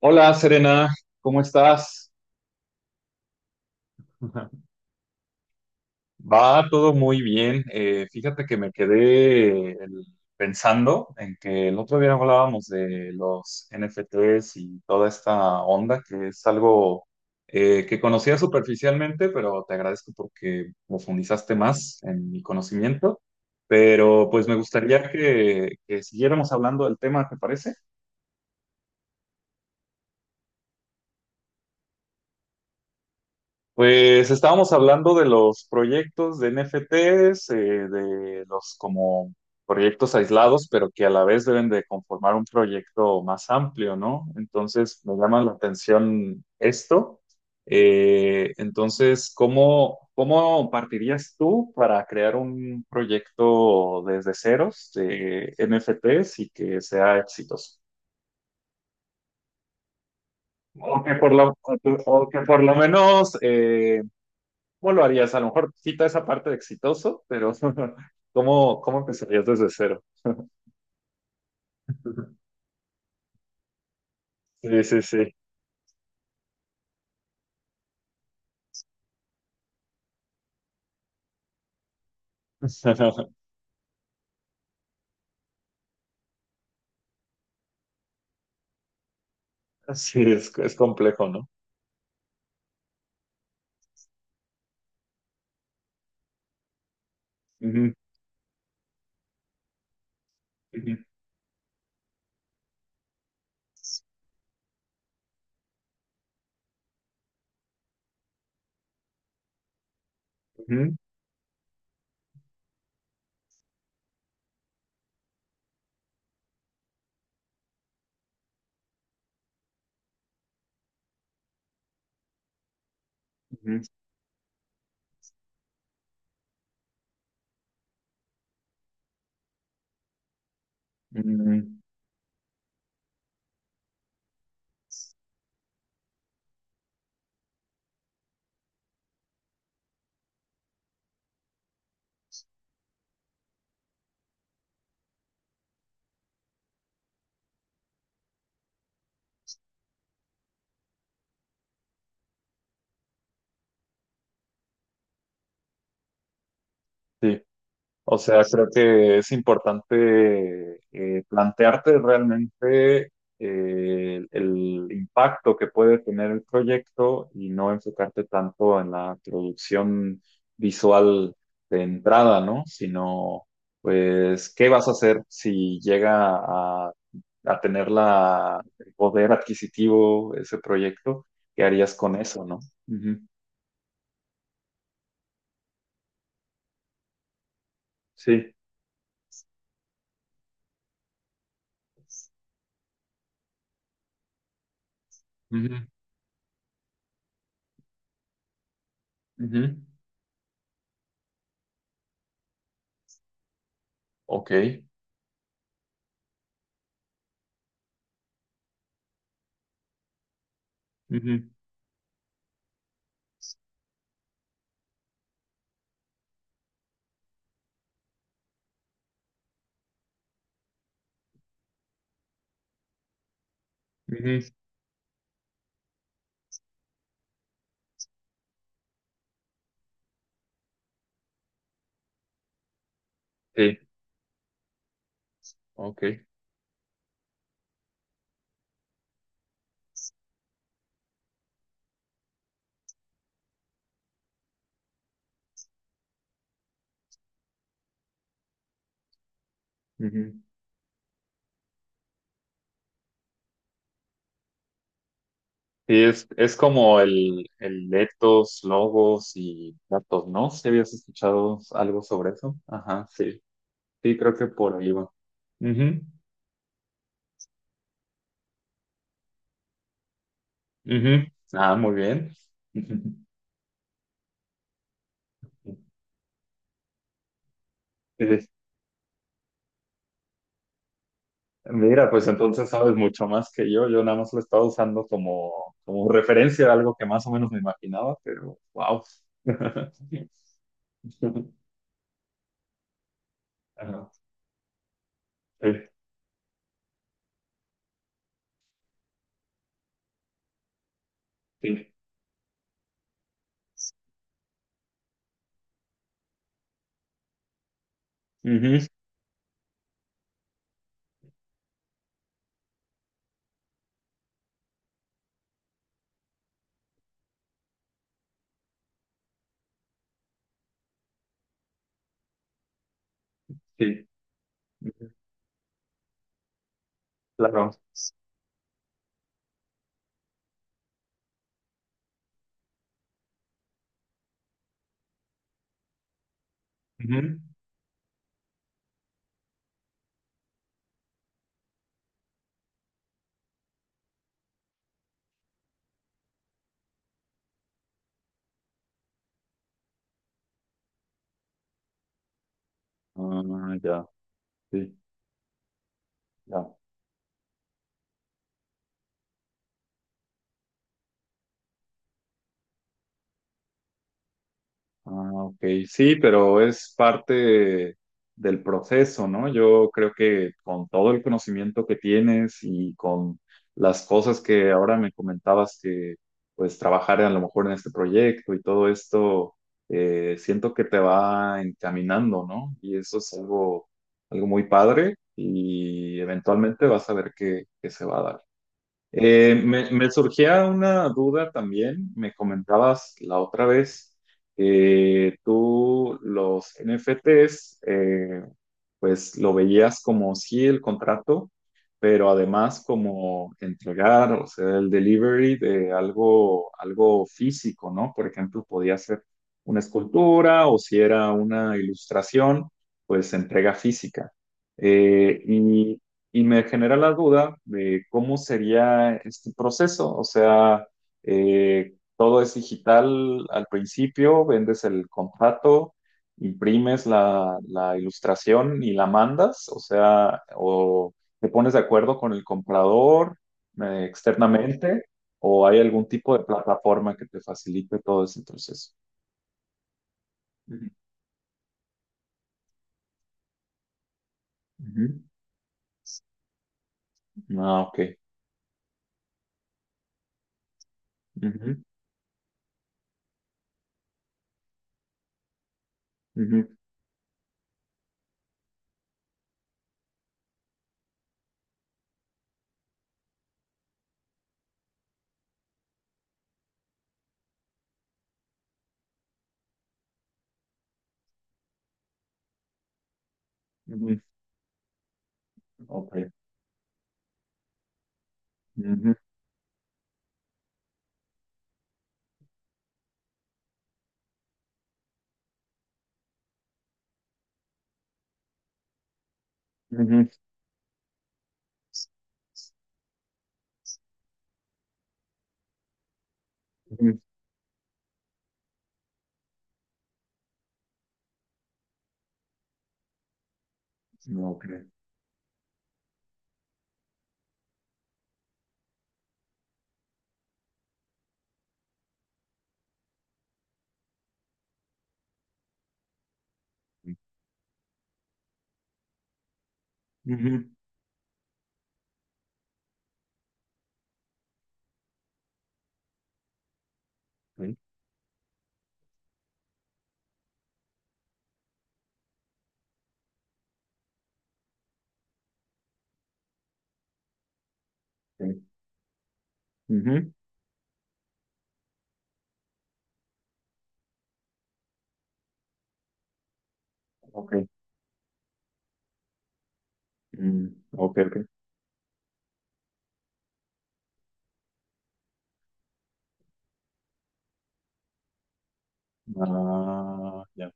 Hola, Serena, ¿cómo estás? Va todo muy bien. Fíjate que me quedé pensando en que el otro día hablábamos de los NFTs y toda esta onda, que es algo que conocía superficialmente, pero te agradezco porque profundizaste más en mi conocimiento. Pero pues me gustaría que siguiéramos hablando del tema, ¿te parece? Pues estábamos hablando de los proyectos de NFTs, de los como proyectos aislados, pero que a la vez deben de conformar un proyecto más amplio, ¿no? Entonces me llama la atención esto. Entonces, ¿cómo partirías tú para crear un proyecto desde ceros de NFTs y que sea exitoso? O que por lo, o que por lo menos¿cómo lo harías? A lo mejor quita esa parte de exitoso, pero ¿cómo empezarías desde cero? Sí, sí, sí. Sí, es complejo, ¿no? Ujú, ujú, ujú, ujú, ujú. Sí. O sea, creo que es importante plantearte realmente el impacto que puede tener el proyecto y no enfocarte tanto en la producción visual de entrada, ¿no? Sino, pues, ¿qué vas a hacer si llega a, a tener el poder adquisitivo ese proyecto? ¿Qué harías con eso, no? Ujú, sí. Ujú, ujú, ok. Ujú, ujú, sí. Ok. Ujú. Sí, es como el etos, logos y datos, ¿no? ¿Si habías escuchado algo sobre eso? Ajá, sí. Sí, creo que por ahí va. Ujú, ujú. Ah, muy bien. Ujú. Sí. Mira, pues entonces sabes mucho más que yo. Yo nada más lo estaba usando como, como referencia a algo que más o menos me imaginaba, pero wow. Ajá. Sí, sí. Ujú, sí. Ujú, claro. Ujú. Ah, ya, sí, ya. Ah, ok, sí, pero es parte del proceso, ¿no? Yo creo que con todo el conocimiento que tienes y con las cosas que ahora me comentabas que pues trabajar a lo mejor en este proyecto y todo esto, siento que te va encaminando, ¿no? Y eso es algo, algo muy padre y eventualmente vas a ver que se va a dar. Me surgía una duda también. Me comentabas la otra vez que tú los NFTs, pues lo veías como sí el contrato, pero además como entregar, o sea, el delivery de algo, algo físico, ¿no? Por ejemplo, podía ser una escultura o si era una ilustración, pues entrega física. Eh, y y me genera la duda de cómo sería este proceso. O sea, todo es digital al principio, vendes el contrato, imprimes la ilustración y la mandas. O sea, o te pones de acuerdo con el comprador externamente, o hay algún tipo de plataforma que te facilite todo ese proceso. Ujú. Ujú. Ah, ok. Ujú, ujú, ujú, ok. Ujú, ujú, ujú, no, ok. Ujú. Sí, sí. Ujú. Ok. Mm, ok, ok. Ah, ya.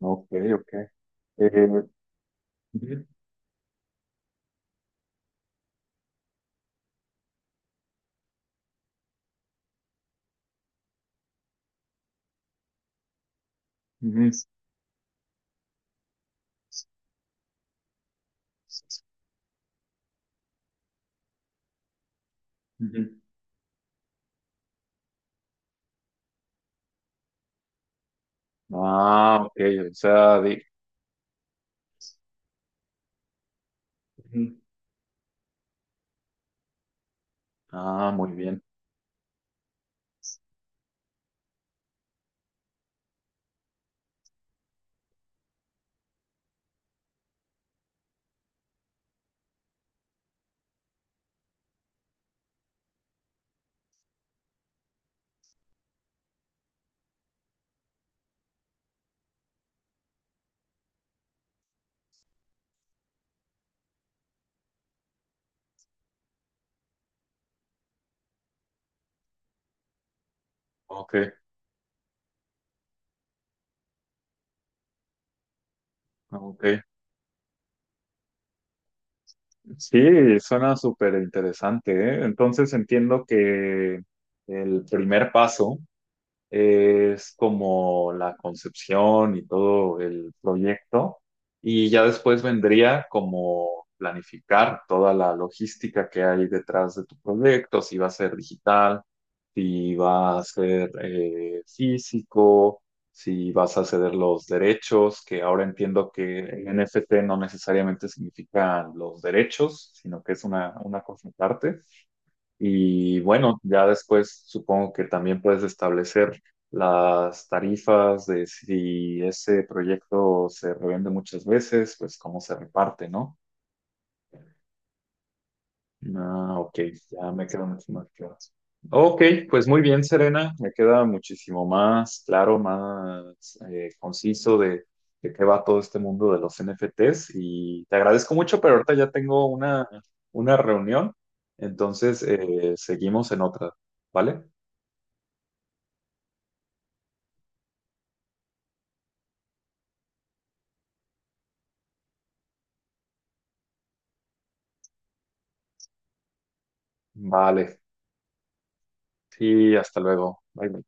Ok, ok. Eh, ujú, ujú. Ujú. Ah, ok. O sea, di- ujú. Ah, muy bien. Ok, ok. Sí, suena súper interesante, ¿eh? Entonces entiendo que el primer paso es como la concepción y todo el proyecto, y ya después vendría como planificar toda la logística que hay detrás de tu proyecto, si va a ser digital, si va a ser físico, si vas a ceder los derechos, que ahora entiendo que en NFT no necesariamente significan los derechos, sino que es una cosa aparte. Y bueno, ya después supongo que también puedes establecer las tarifas de si ese proyecto se revende muchas veces, pues cómo se reparte, ¿no? Ah, ok, ya me quedan mucho más claras. Ok, pues muy bien, Serena, me queda muchísimo más claro, más conciso de qué va todo este mundo de los NFTs y te agradezco mucho, pero ahorita ya tengo una reunión, entonces seguimos en otra, ¿vale? Vale, sí, hasta luego. Bye.